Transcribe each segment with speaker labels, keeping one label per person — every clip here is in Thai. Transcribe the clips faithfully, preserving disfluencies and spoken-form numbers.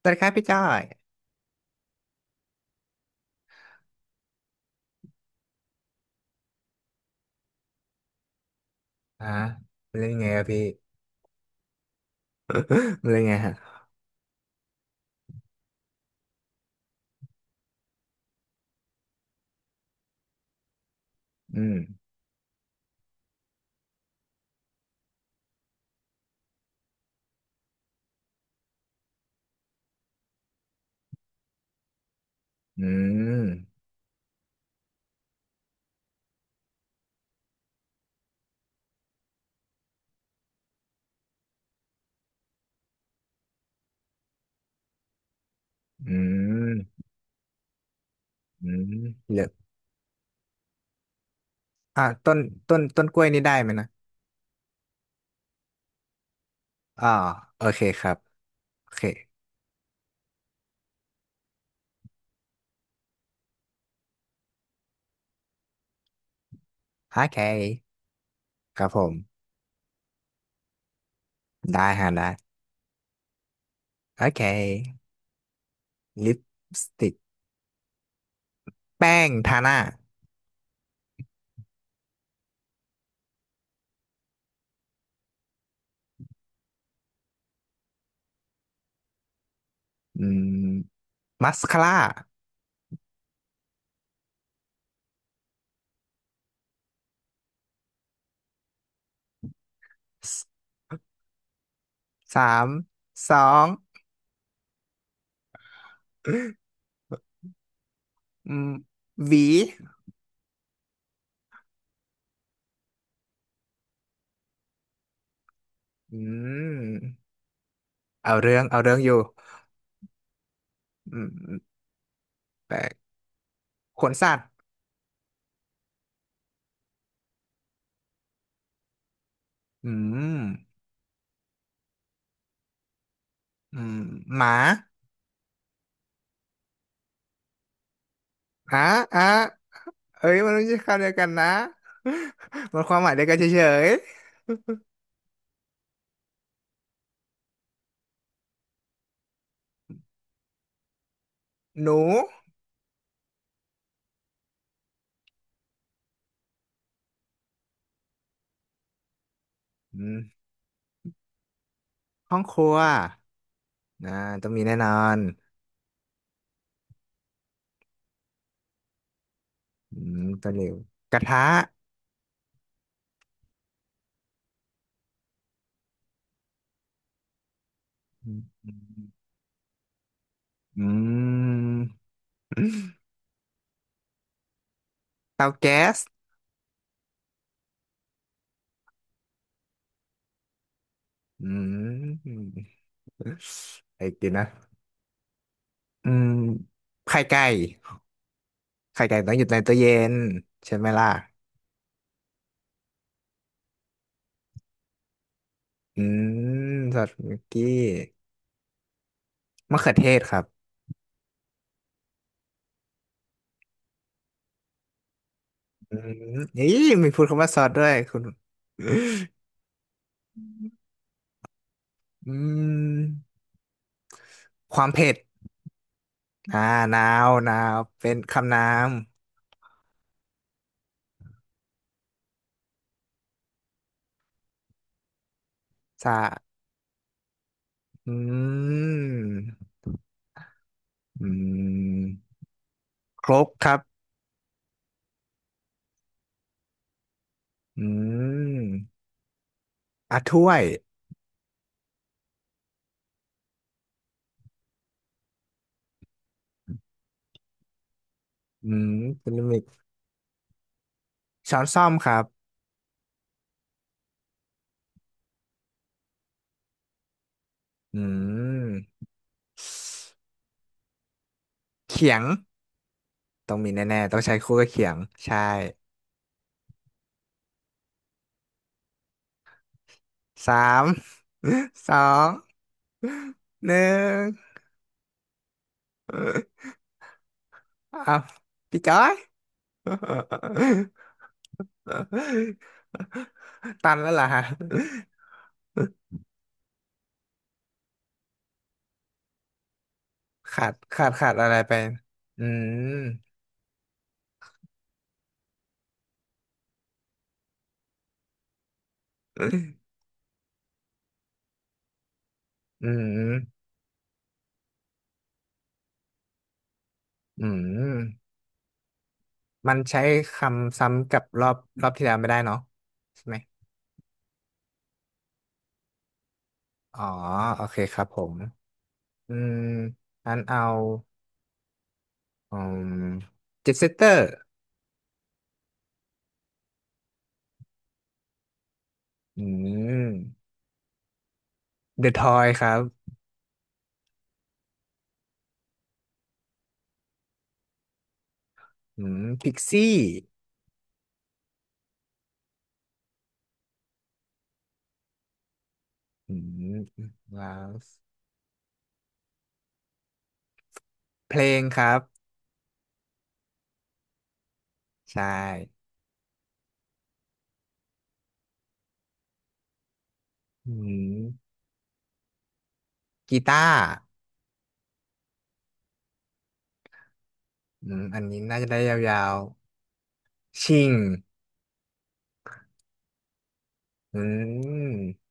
Speaker 1: สวัสดีครับพี่จ้อยฮะมันเล่นยังไงอะพี่ มัน เป็นยังไงฮะอืมอืมอืมอืมเหลืออ่าต้นต้นต้นกล้วยนี่ได้ไหมนะอ่าโอเคครับ โอเคโอเคครับผมได้ฮะได้โอเคลิปสติกแป้งทาหน้าอืมมัสคาร่าสสามสองอืมหวีอืมเอาเรื่อง เอาเรื่องอยู่อืม ขนสัตว์อืมอืมหมาอ่ะอ่ะเอ้ยมันไม่ใช่คำเดียวกันนะ มันความหมายเดียวกันเฉยๆหนูอืมห้องครัวนะต้องมีแน่นอนอืมตะหลิวกระทะอืมอืมเตาแก๊สอืมไอ้กินนะอืมไข่ไก่ไข่ไก่ต้องอยู่ในตู้เย็นใช่ไหมล่ะอืมสอดมิกกี้มะเขือเทศครับ อืมนี่มีพูดคำว่าซอสด้วยคุณอืมความเผ็ดอ่านาวหนาวเป็นคำนามสะอืมอืมครกครับอืมอ่ะถ้วยอืมเป็นลิมิกช้อนส้อมครับอืมเขียงต้องมีแน่ๆต้องใช้คู่กับเขียงใช่สาม สองหนึ่งอ้าวพี่จอย ตันแล้วเหรอฮะขาดขาดขาดอะไรไป อืม อืม อืม มันใช้คำซ้ำกับรอบรอบที่แล้วไม่ได้เนาะใช่ไหม อ๋อโอเคครับผม อืมอันเอา อืมเจ็ตเซตเตอร์อืมเดอะทอยครับ อืมพิกซี่อืมว้าวเพลงครับใช่ อืมกีตาร์ อืมอันนี้น่าจะได้ยาวๆชิงอืม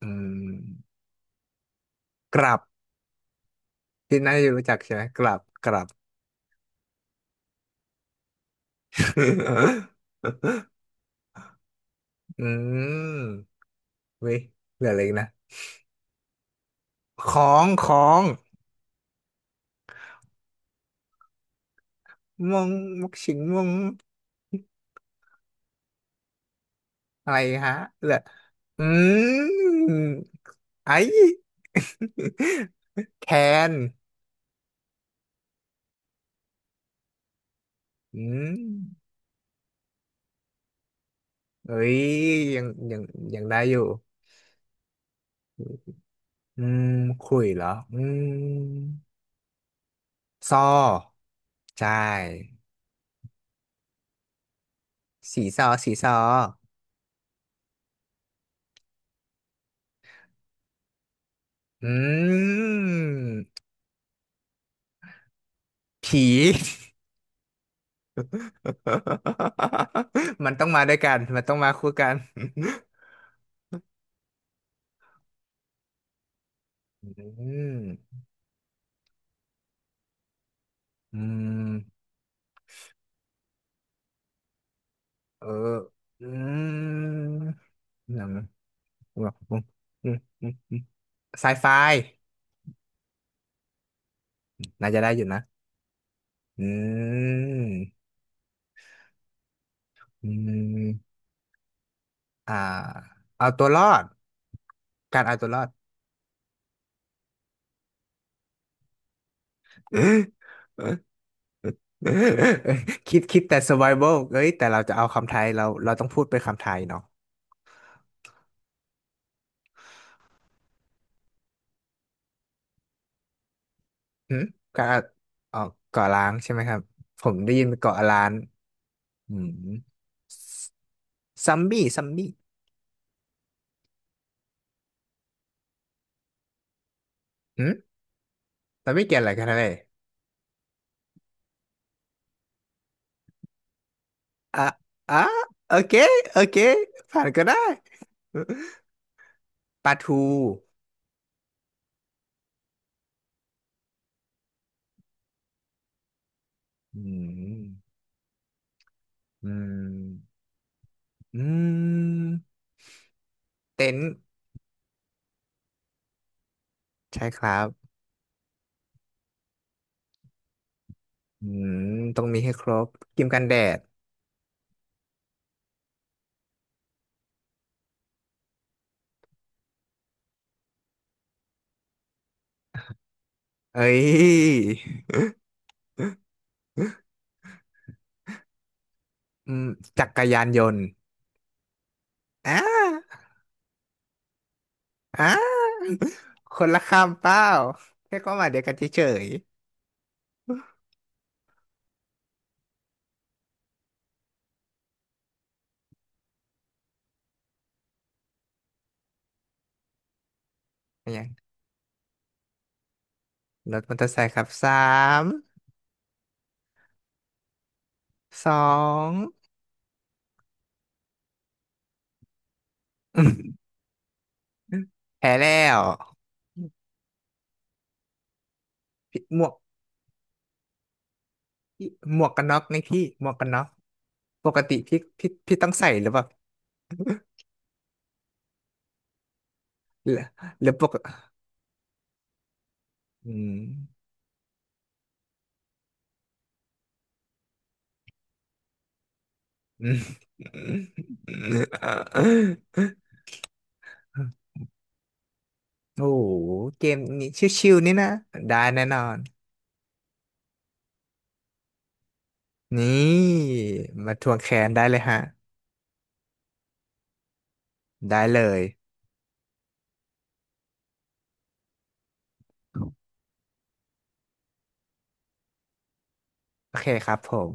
Speaker 1: อืมกลับที่น่าจะรู้จักใช่ไหมกลับกลับ อืมเว้ยเหลืออะไรอีกนะของของมงมกชิงมงอะไรฮะเหลืออืมไอ้ แคนอืมเอ้ยยังยังยังได้อยู่อืมคุยเหรออืม ซอใช่สีซอสีซออืมผี มันต้องมาด้วยกันมันต้องมาคู่กันอืมอืมเอออืมหนังหนังอืมอืมอืมไซไฟน่าจะได้อยู่นะอืมอืมอ่าเอาตัวรอดการเอาตัวรอด คิดคิดแต่ survival เอ้ยแต่เราจะเอาคำไทยเราเราต้องพูดเป็นคำไทยเนาะหืมก็ออกเกาะล้างใช่ไหมครับผมได้ยินเป็นเกาะล้านอืมซัมบี้ซัมบี้หืมเราไม่เกี่ยวอะไรกันนะเลยอ่ะอ่ะโอเคโอเคผ่านก็ได้ปลาทูอืมอืมอืมเต็นท์ใช่ครับอืมต้องมีให้ครบครีมกันแดด เอ้ยอืมจักรยานยนต์อ่าอ่าคนละคำเปล่าแค่ความหมายเดียวกันเฉยๆอะไรอย่างรถมอเตอร์ไซค์ครับสามสอง อืมแพ้แล้วพี่หมวกพี่หมวกกันน็อกนี่พี่หมวกกันน็อกปกติพี่พี่พี่ต้องใส่หรือเปล่าหรือหรือปกอืม อืมโอ้โหเกมนี้ชิวๆนี่นะได้แน่นอน นี่มาทวงแค้นได้เลยฮะได้เลยโอเคครับผม